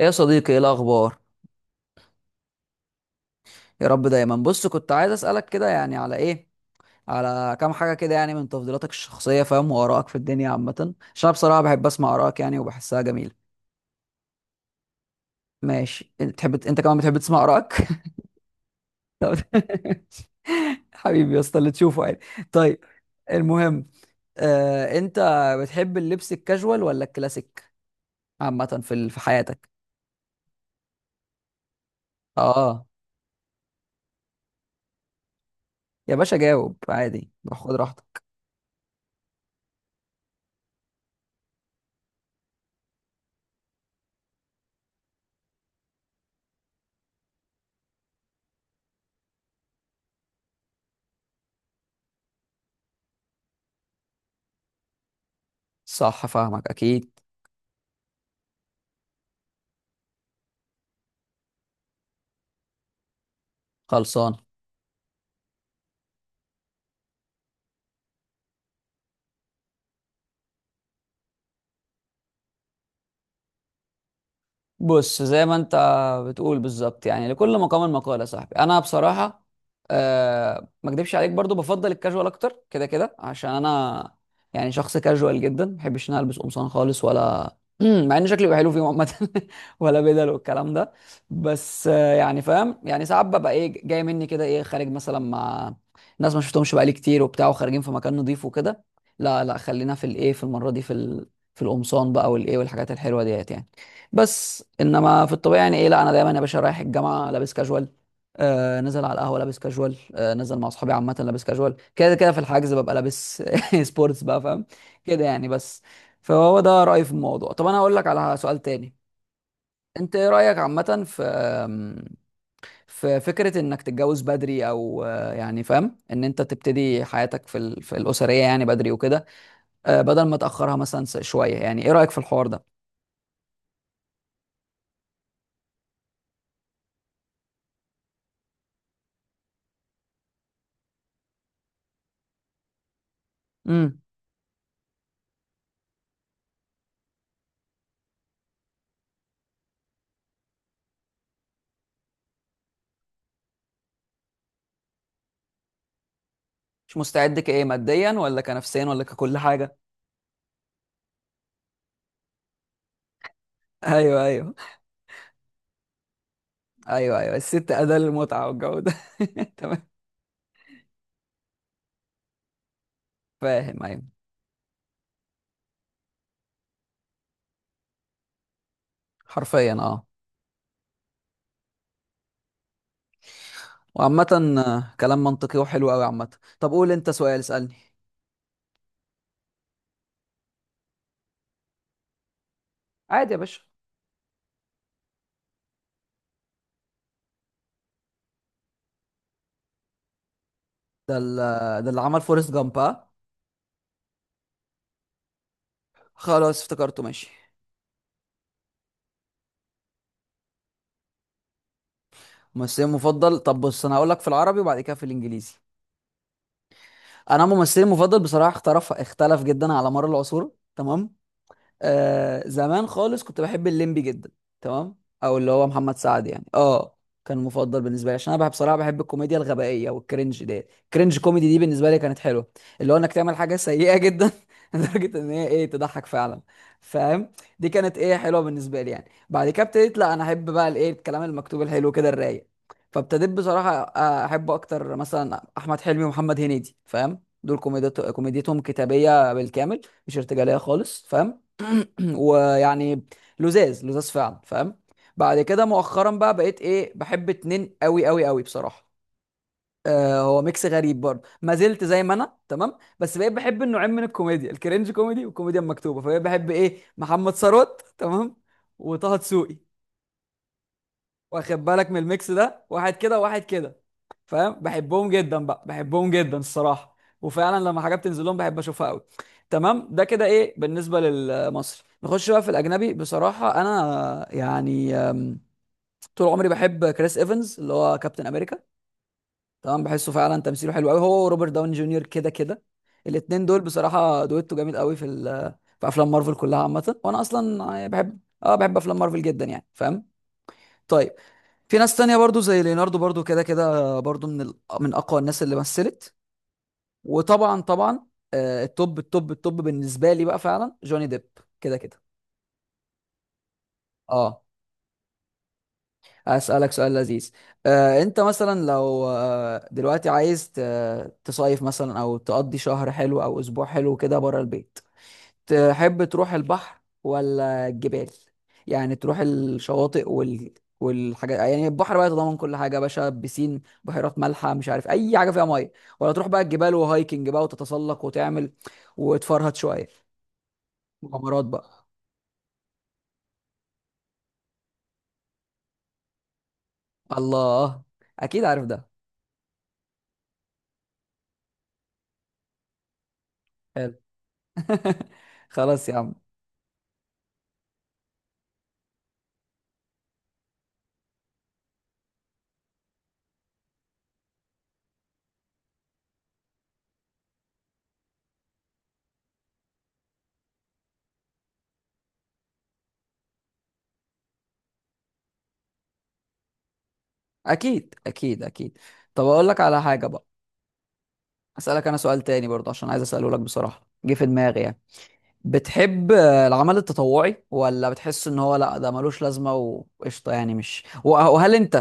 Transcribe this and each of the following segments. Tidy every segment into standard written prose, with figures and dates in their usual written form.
ايه يا صديقي، ايه الاخبار؟ يا رب دايما. بص، كنت عايز اسالك كده يعني على ايه، على كام حاجه كده يعني من تفضيلاتك الشخصيه، فاهم؟ وارائك في الدنيا عامه، عشان انا بصراحه بحب اسمع ارائك يعني وبحسها جميله. ماشي، انت بتحب، انت كمان بتحب تسمع ارائك. طب- حبيبي يا اسطى، اللي تشوفه عادي. طيب. المهم، انت بتحب اللبس الكاجوال ولا الكلاسيك، عامه في حياتك؟ اه، يا باشا جاوب عادي، روح خد راحتك. صح فاهمك اكيد. خلصان. بص، زي ما انت بتقول بالظبط، يعني لكل مقام مقال يا صاحبي. انا بصراحه، ما اكدبش عليك، برضو بفضل الكاجوال اكتر، كده كده عشان انا يعني شخص كاجوال جدا، ما بحبش ان أنا البس قمصان خالص ولا مع ان شكلي بيبقى حلو فيه عامه. ولا بدل والكلام ده، بس يعني فاهم؟ يعني ساعات ببقى ايه، جاي مني كده، ايه، خارج مثلا مع ناس ما شفتهمش بقالي كتير وبتاع وخارجين في مكان نضيف وكده. لا لا، خلينا في الايه، في المره دي، في القمصان بقى والايه والحاجات الحلوه ديت يعني. بس انما في الطبيعي، يعني ايه، لا، انا دايما يا باشا رايح الجامعه لابس كاجوال، نزل على القهوه لابس كاجوال، نزل مع اصحابي عامه لابس كاجوال، كده كده في الحجز ببقى لابس سبورتس بقى فاهم، كده يعني. بس فهو ده رايي في الموضوع. طب انا هقول لك على سؤال تاني، انت ايه رايك عامه في في فكره انك تتجوز بدري، او يعني فاهم ان انت تبتدي حياتك في الاسريه يعني بدري وكده، بدل ما تاخرها مثلا شويه، يعني ايه رايك في الحوار ده؟ مش مستعد كايه، ماديا ولا كنفسيا ولا ككل حاجه؟ ايوه، ايوه، ايوه، ايوه، الست اداه للمتعه والجو ده. تمام. فاهم. ايوه. حرفيا اه. وعامة، كلام منطقي وحلو قوي عامة. طب قول انت سؤال، اسألني. عادي يا باشا. ده ال- ده اللي عمل فورست جامب ها؟ خلاص افتكرته، ماشي. ممثلي مفضل؟ طب بص، انا هقول لك في العربي وبعد كده في الانجليزي. انا ممثلي مفضل بصراحة اختلف جدا على مر العصور، تمام. زمان خالص كنت بحب الليمبي جدا، تمام، او اللي هو محمد سعد يعني، اه. كان مفضل بالنسبه لي عشان انا بحب بصراحه، بحب الكوميديا الغبائيه والكرنج دي، كرنج كوميدي دي بالنسبه لي كانت حلوه، اللي هو انك تعمل حاجه سيئه جدا لدرجه ان هي ايه تضحك فعلا، فاهم. دي كانت ايه حلوه بالنسبه لي يعني. بعد كده ابتديت، لا، انا احب بقى الايه الكلام المكتوب الحلو كده الرايق. فابتديت بصراحه احب اكتر مثلا احمد حلمي ومحمد هنيدي، فاهم، دول كوميديتهم كتابيه بالكامل، مش ارتجاليه خالص، فاهم. ويعني لزاز لزاز فعلا، فاهم. بعد كده مؤخرا بقى بقيت ايه، بحب اتنين قوي قوي قوي بصراحه، هو ميكس غريب برضه. ما زلت زي ما انا تمام، بس بقيت بحب النوعين من الكوميديا، الكرنج كوميدي والكوميديا المكتوبه، فبقيت بحب ايه محمد ثروت، تمام، وطه دسوقي. واخد بالك من الميكس ده، واحد كده وواحد كده، فاهم، بحبهم جدا بقى، بحبهم جدا الصراحه. وفعلا لما حاجات بتنزل لهم بحب اشوفها قوي، تمام. ده كده ايه بالنسبه للمصري. نخش بقى في الاجنبي، بصراحه انا يعني طول عمري بحب كريس ايفنز اللي هو كابتن امريكا، تمام. بحسه فعلا تمثيله حلو قوي، هو وروبرت داون جونيور كده كده، الاتنين دول بصراحه دويتو جامد قوي في افلام مارفل كلها عامه، وانا اصلا يعني بحب، اه، بحب افلام مارفل جدا يعني، فاهم. طيب، في ناس تانية برضو زي ليوناردو برضو كده كده، برضو من اقوى الناس اللي مثلت، وطبعا طبعا التوب التوب التوب بالنسبه لي بقى فعلا جوني ديب، كده كده. اه، اسالك سؤال لذيذ، انت مثلا لو دلوقتي عايز تصيف مثلا او تقضي شهر حلو او اسبوع حلو كده بره البيت، تحب تروح البحر ولا الجبال؟ يعني تروح الشواطئ وال والحاجات، يعني البحر بقى يتضمن كل حاجه يا باشا، بسين، بحيرات مالحه، مش عارف اي حاجه فيها ميه، ولا تروح بقى الجبال وهايكنج بقى وتتسلق وتعمل وتفرهد شويه مغامرات بقى. الله، اكيد عارف ده. حلو. خلاص يا عم. اكيد اكيد اكيد. طب اقول لك على حاجه بقى، اسالك انا سؤال تاني برضه عشان عايز اساله لك بصراحه، جه في دماغي يعني. بتحب العمل التطوعي ولا بتحس ان هو لا ده ملوش لازمه وقشطه يعني، مش وهل انت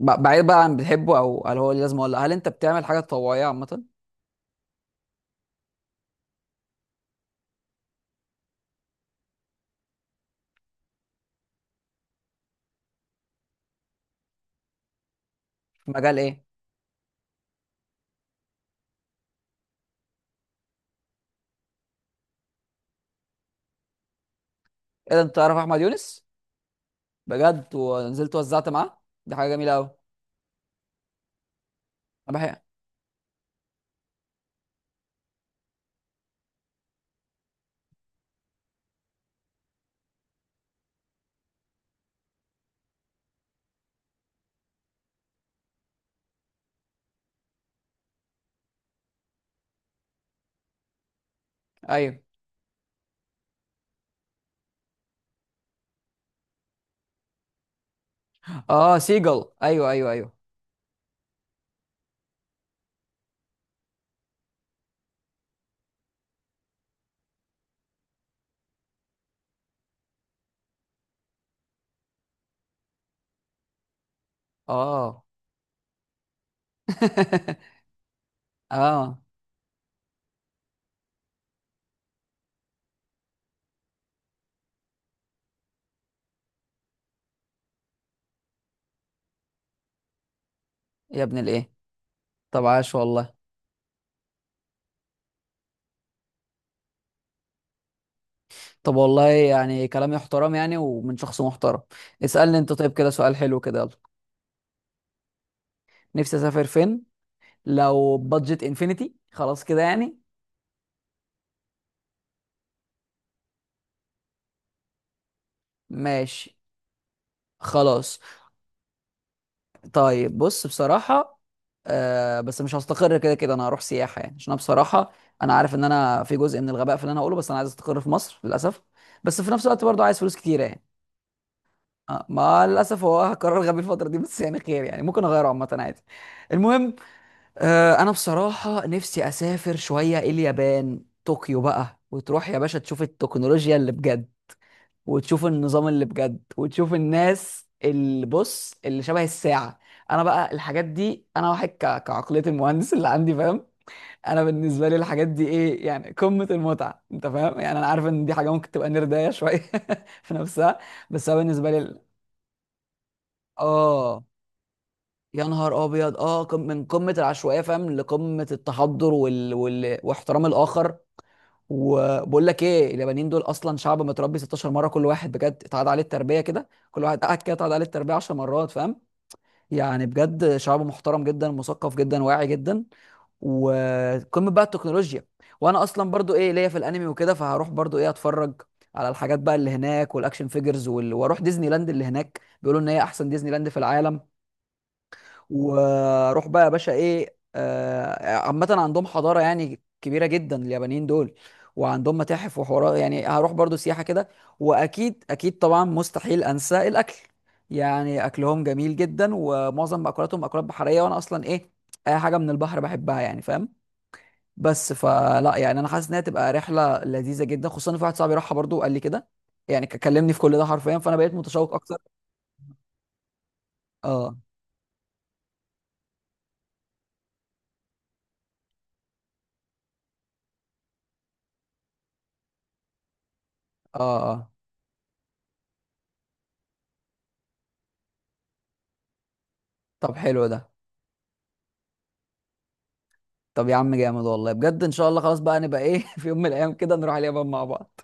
بعيد بقى عن بتحبه، او هل هو ليه لازمه ولا لأ، هل انت بتعمل حاجه تطوعيه عامه؟ في مجال ايه؟ ايه ده، انت تعرف احمد يونس؟ بجد، ونزلت وزعت معاه؟ دي حاجه جميله قوي. انا بحب. ايوه. اه سيجل، ايوه ايوه ايوه. اه. اه. يا ابن الايه. طب عاش والله. طب والله، يعني كلامي محترم يعني ومن شخص محترم. اسألني انت، طيب كده سؤال حلو كده، يلا. نفسي اسافر فين؟ لو بادجت انفينيتي خلاص كده يعني؟ ماشي، خلاص. طيب بص بصراحة، بس مش هستقر، كده كده انا هروح سياحة يعني، عشان أنا بصراحة انا عارف ان انا في جزء من الغباء في اللي انا هقوله، بس انا عايز استقر في مصر للاسف. بس في نفس الوقت برضه عايز فلوس كتيرة يعني. ما للاسف هو قرار غبي الفتره دي، بس يعني خير يعني ممكن اغيره عامه عادي. المهم، انا بصراحه نفسي اسافر شويه اليابان، طوكيو بقى، وتروح يا باشا تشوف التكنولوجيا اللي بجد، وتشوف النظام اللي بجد، وتشوف الناس، اللي بص، اللي شبه الساعه. انا بقى الحاجات دي، انا واحد كعقليه المهندس اللي عندي، فاهم. انا بالنسبه لي الحاجات دي ايه، يعني قمه المتعه، انت فاهم يعني. انا عارف ان دي حاجه ممكن تبقى نردايه شويه في نفسها، بس هو بالنسبه لي اه يا نهار ابيض، اه، من قمه العشوائيه، فاهم، لقمه التحضر واحترام الاخر. وبقول لك ايه، اليابانيين دول اصلا شعب متربي 16 مره، كل واحد بجد اتعاد عليه التربيه كده، كل واحد قاعد كده اتعاد عليه التربيه 10 مرات، فاهم يعني. بجد شعب محترم جدا، مثقف جدا، واعي جدا، وقمه بقى التكنولوجيا. وانا اصلا برضو ايه ليا في الانمي وكده، فهروح برضو ايه اتفرج على الحاجات بقى اللي هناك والاكشن فيجرز واروح ديزني لاند اللي هناك، بيقولوا ان هي احسن ديزني لاند في العالم. واروح بقى يا باشا ايه عامة عندهم حضارة يعني كبيرة جدا، اليابانيين دول. وعندهم متاحف وحوارات، يعني هروح برضو سياحة كده. واكيد اكيد طبعا مستحيل انسى الاكل، يعني اكلهم جميل جدا ومعظم مأكولاتهم مأكولات بحرية، وانا اصلا ايه اي حاجة من البحر بحبها يعني فاهم. بس فلا يعني، انا حاسس انها تبقى رحلة لذيذة جدا، خصوصا إن في واحد صاحبي راحها برضو وقال لي كده يعني، كلمني في كل ده حرفيا، فانا بقيت متشوق اكتر. اه. اه. اه. طب حلو ده. طب يا عم جامد والله، بجد ان شاء الله، خلاص بقى نبقى ايه في يوم من الايام كده نروح اليابان مع بعض.